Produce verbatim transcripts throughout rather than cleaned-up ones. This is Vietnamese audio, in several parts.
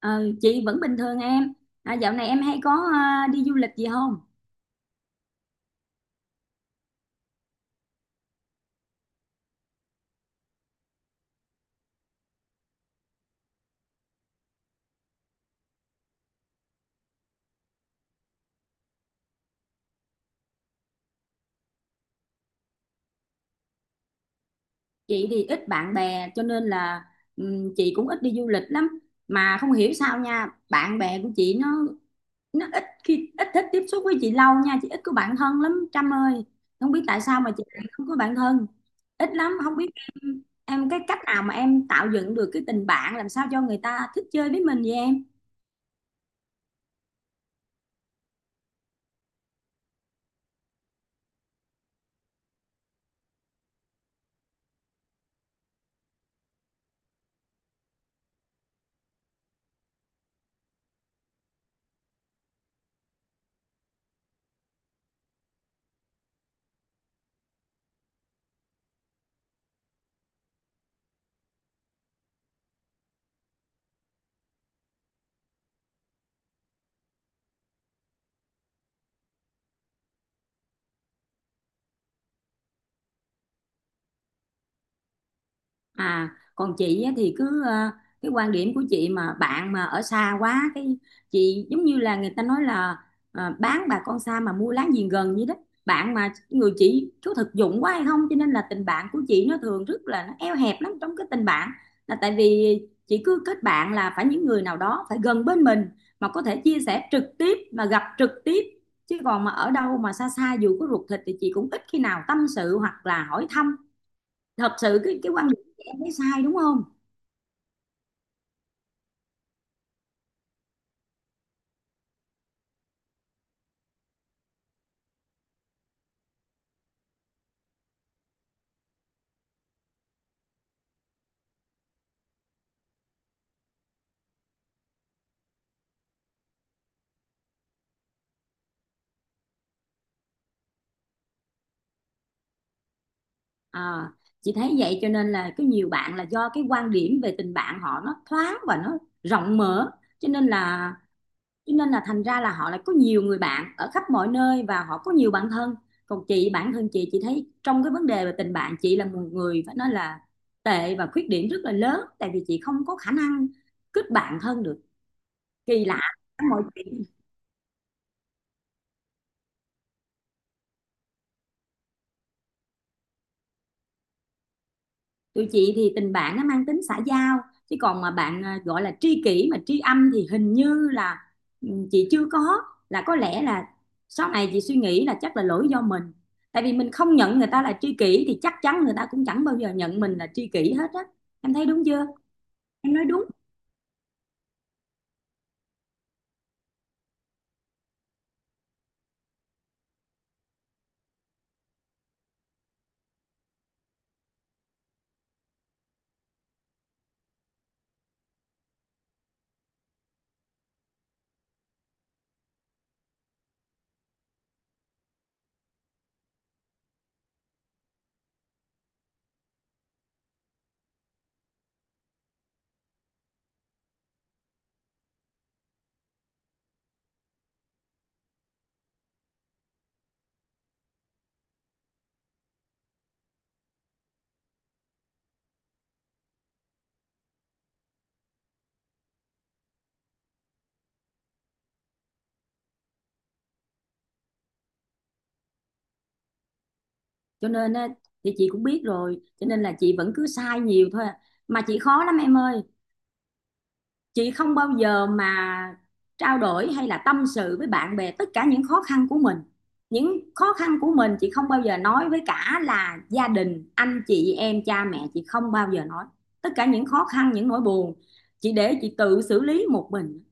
Ờ, chị vẫn bình thường em. À, dạo này em hay có à, đi du lịch gì không? Chị thì ít bạn bè cho nên là ừm, chị cũng ít đi du lịch lắm. Mà không hiểu sao nha, bạn bè của chị nó nó ít khi ít thích tiếp xúc với chị lâu nha, chị ít có bạn thân lắm Trâm ơi. Không biết tại sao mà chị lại không có bạn thân. Ít lắm, không biết em em cái cách nào mà em tạo dựng được cái tình bạn làm sao cho người ta thích chơi với mình vậy em? À, Còn chị á thì cứ ờ, cái quan điểm của chị mà bạn mà ở xa quá cái chị giống như là người ta nói là ờ, bán bà con xa mà mua láng giềng gần vậy đó. Bạn mà người chị có thực dụng quá hay không cho nên là tình bạn của chị nó thường rất là nó eo hẹp lắm trong cái tình bạn là tại vì chị cứ kết bạn là phải những người nào đó phải gần bên mình mà có thể chia sẻ trực tiếp mà gặp trực tiếp chứ còn mà ở đâu mà xa xa dù có ruột thịt thì chị cũng ít khi nào tâm sự hoặc là hỏi thăm thật sự cái cái quan điểm của em thấy sai đúng không. à, chị thấy vậy cho nên là có nhiều bạn là do cái quan điểm về tình bạn họ nó thoáng và nó rộng mở cho nên là cho nên là thành ra là họ lại có nhiều người bạn ở khắp mọi nơi và họ có nhiều bạn thân, còn chị bản thân chị chị thấy trong cái vấn đề về tình bạn chị là một người phải nói là tệ và khuyết điểm rất là lớn tại vì chị không có khả năng kết bạn thân được, kỳ lạ mọi chuyện. Tụi chị thì tình bạn nó mang tính xã giao chứ còn mà bạn à, gọi là tri kỷ mà tri âm thì hình như là ừ, chị chưa có, là có lẽ là sau này chị suy nghĩ là chắc là lỗi do mình, tại vì mình không nhận người ta là tri kỷ thì chắc chắn người ta cũng chẳng bao giờ nhận mình là tri kỷ hết á, em thấy đúng chưa, em nói đúng. Cho nên à, thì chị cũng biết rồi cho nên là chị vẫn cứ sai nhiều thôi à. Mà chị khó lắm em ơi, chị không bao giờ mà trao đổi hay là tâm sự với bạn bè tất cả những khó khăn của mình, những khó khăn của mình chị không bao giờ nói với cả là gia đình anh chị em cha mẹ, chị không bao giờ nói tất cả những khó khăn những nỗi buồn, chị để chị tự xử lý một mình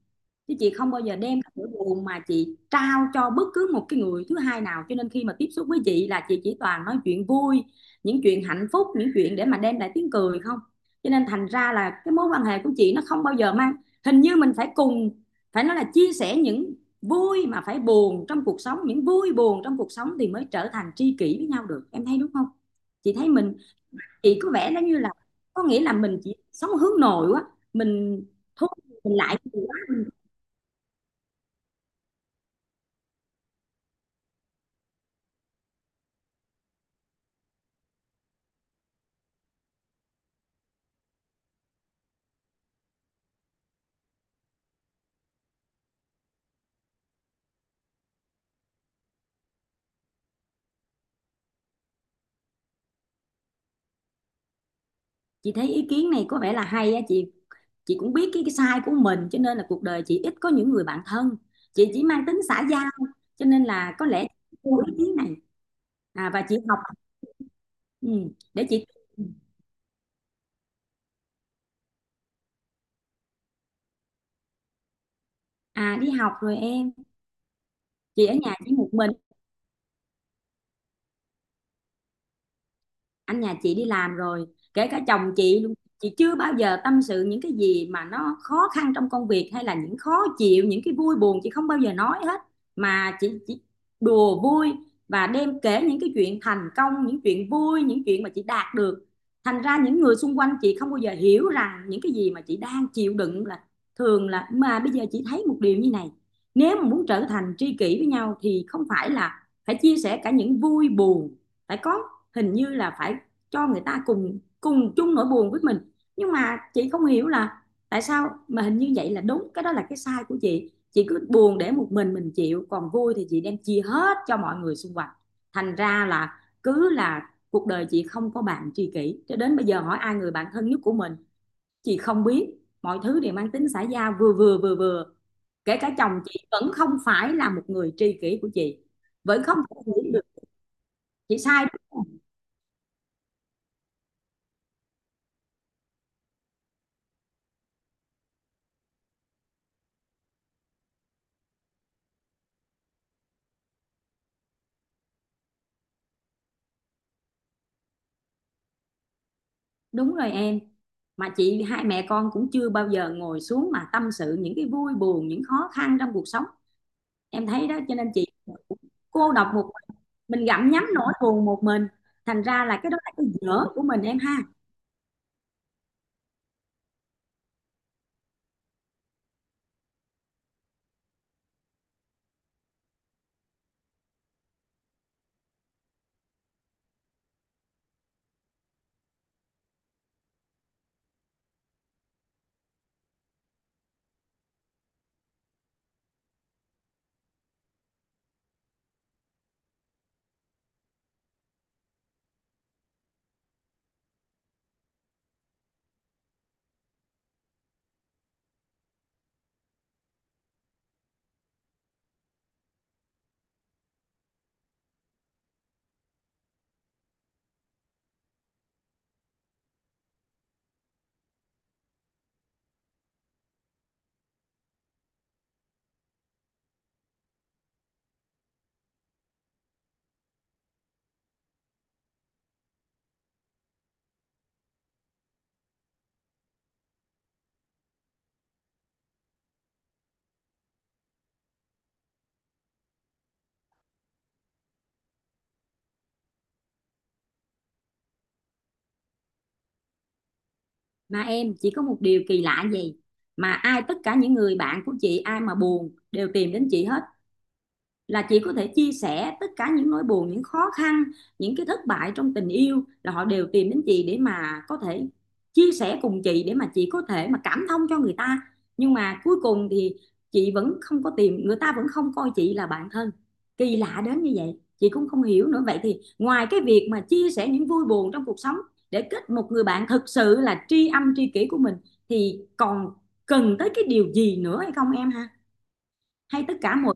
chứ chị không bao giờ đem cái nỗi buồn mà chị trao cho bất cứ một cái người thứ hai nào, cho nên khi mà tiếp xúc với chị là chị chỉ toàn nói chuyện vui, những chuyện hạnh phúc, những chuyện để mà đem lại tiếng cười không. Cho nên thành ra là cái mối quan hệ của chị nó không bao giờ mang, hình như mình phải cùng phải nói là chia sẻ những vui mà phải buồn trong cuộc sống, những vui buồn trong cuộc sống thì mới trở thành tri kỷ với nhau được, em thấy đúng không. Chị thấy mình, chị có vẻ nó như là có nghĩa là mình chỉ sống hướng nội quá, mình thôi, mình lại nhiều quá. Chị thấy ý kiến này có vẻ là hay á chị chị cũng biết cái, cái sai của mình cho nên là cuộc đời chị ít có những người bạn thân, chị chỉ mang tính xã giao, cho nên là có lẽ chị yêu ý kiến này. À, và chị học, ừ, để chị. À đi học rồi em, chị ở nhà chỉ một mình. Anh nhà chị đi làm rồi, kể cả chồng chị luôn. Chị chưa bao giờ tâm sự những cái gì mà nó khó khăn trong công việc hay là những khó chịu, những cái vui buồn chị không bao giờ nói hết, mà chị chỉ đùa vui và đem kể những cái chuyện thành công, những chuyện vui, những chuyện mà chị đạt được. Thành ra những người xung quanh chị không bao giờ hiểu rằng những cái gì mà chị đang chịu đựng là thường là. Mà bây giờ chị thấy một điều như này, nếu mà muốn trở thành tri kỷ với nhau thì không phải là phải chia sẻ cả những vui buồn, phải có, hình như là phải cho người ta cùng cùng chung nỗi buồn với mình. Nhưng mà chị không hiểu là tại sao mà hình như vậy là đúng, cái đó là cái sai của chị chị cứ buồn để một mình mình chịu, còn vui thì chị đem chia hết cho mọi người xung quanh. Thành ra là cứ là cuộc đời chị không có bạn tri kỷ, cho đến bây giờ hỏi ai người bạn thân nhất của mình chị không biết, mọi thứ đều mang tính xã giao, vừa vừa vừa vừa kể cả chồng chị vẫn không phải là một người tri kỷ của chị, vẫn không thể hiểu được. Chị sai đúng không? Đúng rồi em. Mà chị hai mẹ con cũng chưa bao giờ ngồi xuống mà tâm sự những cái vui buồn, những khó khăn trong cuộc sống. Em thấy đó cho nên chị cũng cô độc một mình, mình gặm nhấm nỗi buồn một mình. Thành ra là cái đó là cái dở của mình em ha. Mà em chỉ có một điều kỳ lạ gì mà ai tất cả những người bạn của chị ai mà buồn đều tìm đến chị hết, là chị có thể chia sẻ tất cả những nỗi buồn, những khó khăn, những cái thất bại trong tình yêu, là họ đều tìm đến chị để mà có thể chia sẻ cùng chị để mà chị có thể mà cảm thông cho người ta. Nhưng mà cuối cùng thì chị vẫn không có tìm, người ta vẫn không coi chị là bạn thân, kỳ lạ đến như vậy chị cũng không hiểu nữa. Vậy thì ngoài cái việc mà chia sẻ những vui buồn trong cuộc sống để kết một người bạn thực sự là tri âm tri kỷ của mình thì còn cần tới cái điều gì nữa hay không em ha, hay tất cả mọi.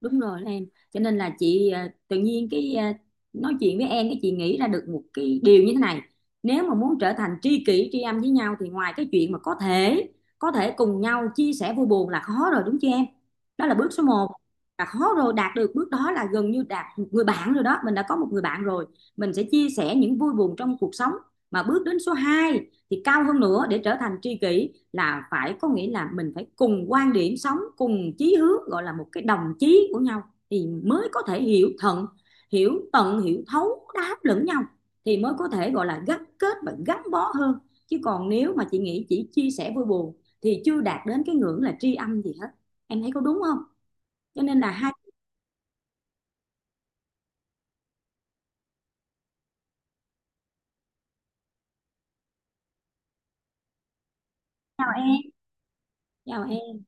Đúng rồi đó em, cho nên là chị à, tự nhiên cái à, nói chuyện với em cái chị nghĩ ra được một cái điều như thế này, nếu mà muốn trở thành tri kỷ tri âm với nhau thì ngoài cái chuyện mà có thể có thể cùng nhau chia sẻ vui buồn là khó rồi đúng chưa em, đó là bước số một, là khó rồi, đạt được bước đó là gần như đạt một người bạn rồi đó, mình đã có một người bạn rồi, mình sẽ chia sẻ những vui buồn trong cuộc sống. Mà bước đến số hai thì cao hơn nữa để trở thành tri kỷ là phải, có nghĩa là mình phải cùng quan điểm sống, cùng chí hướng, gọi là một cái đồng chí của nhau, thì mới có thể hiểu thận, hiểu tận, hiểu thấu đáp lẫn nhau, thì mới có thể gọi là gắn kết và gắn bó hơn. Chứ còn nếu mà chị nghĩ chỉ chia sẻ vui buồn thì chưa đạt đến cái ngưỡng là tri âm gì hết, em thấy có đúng không, cho nên là hai. Chào em, chào em.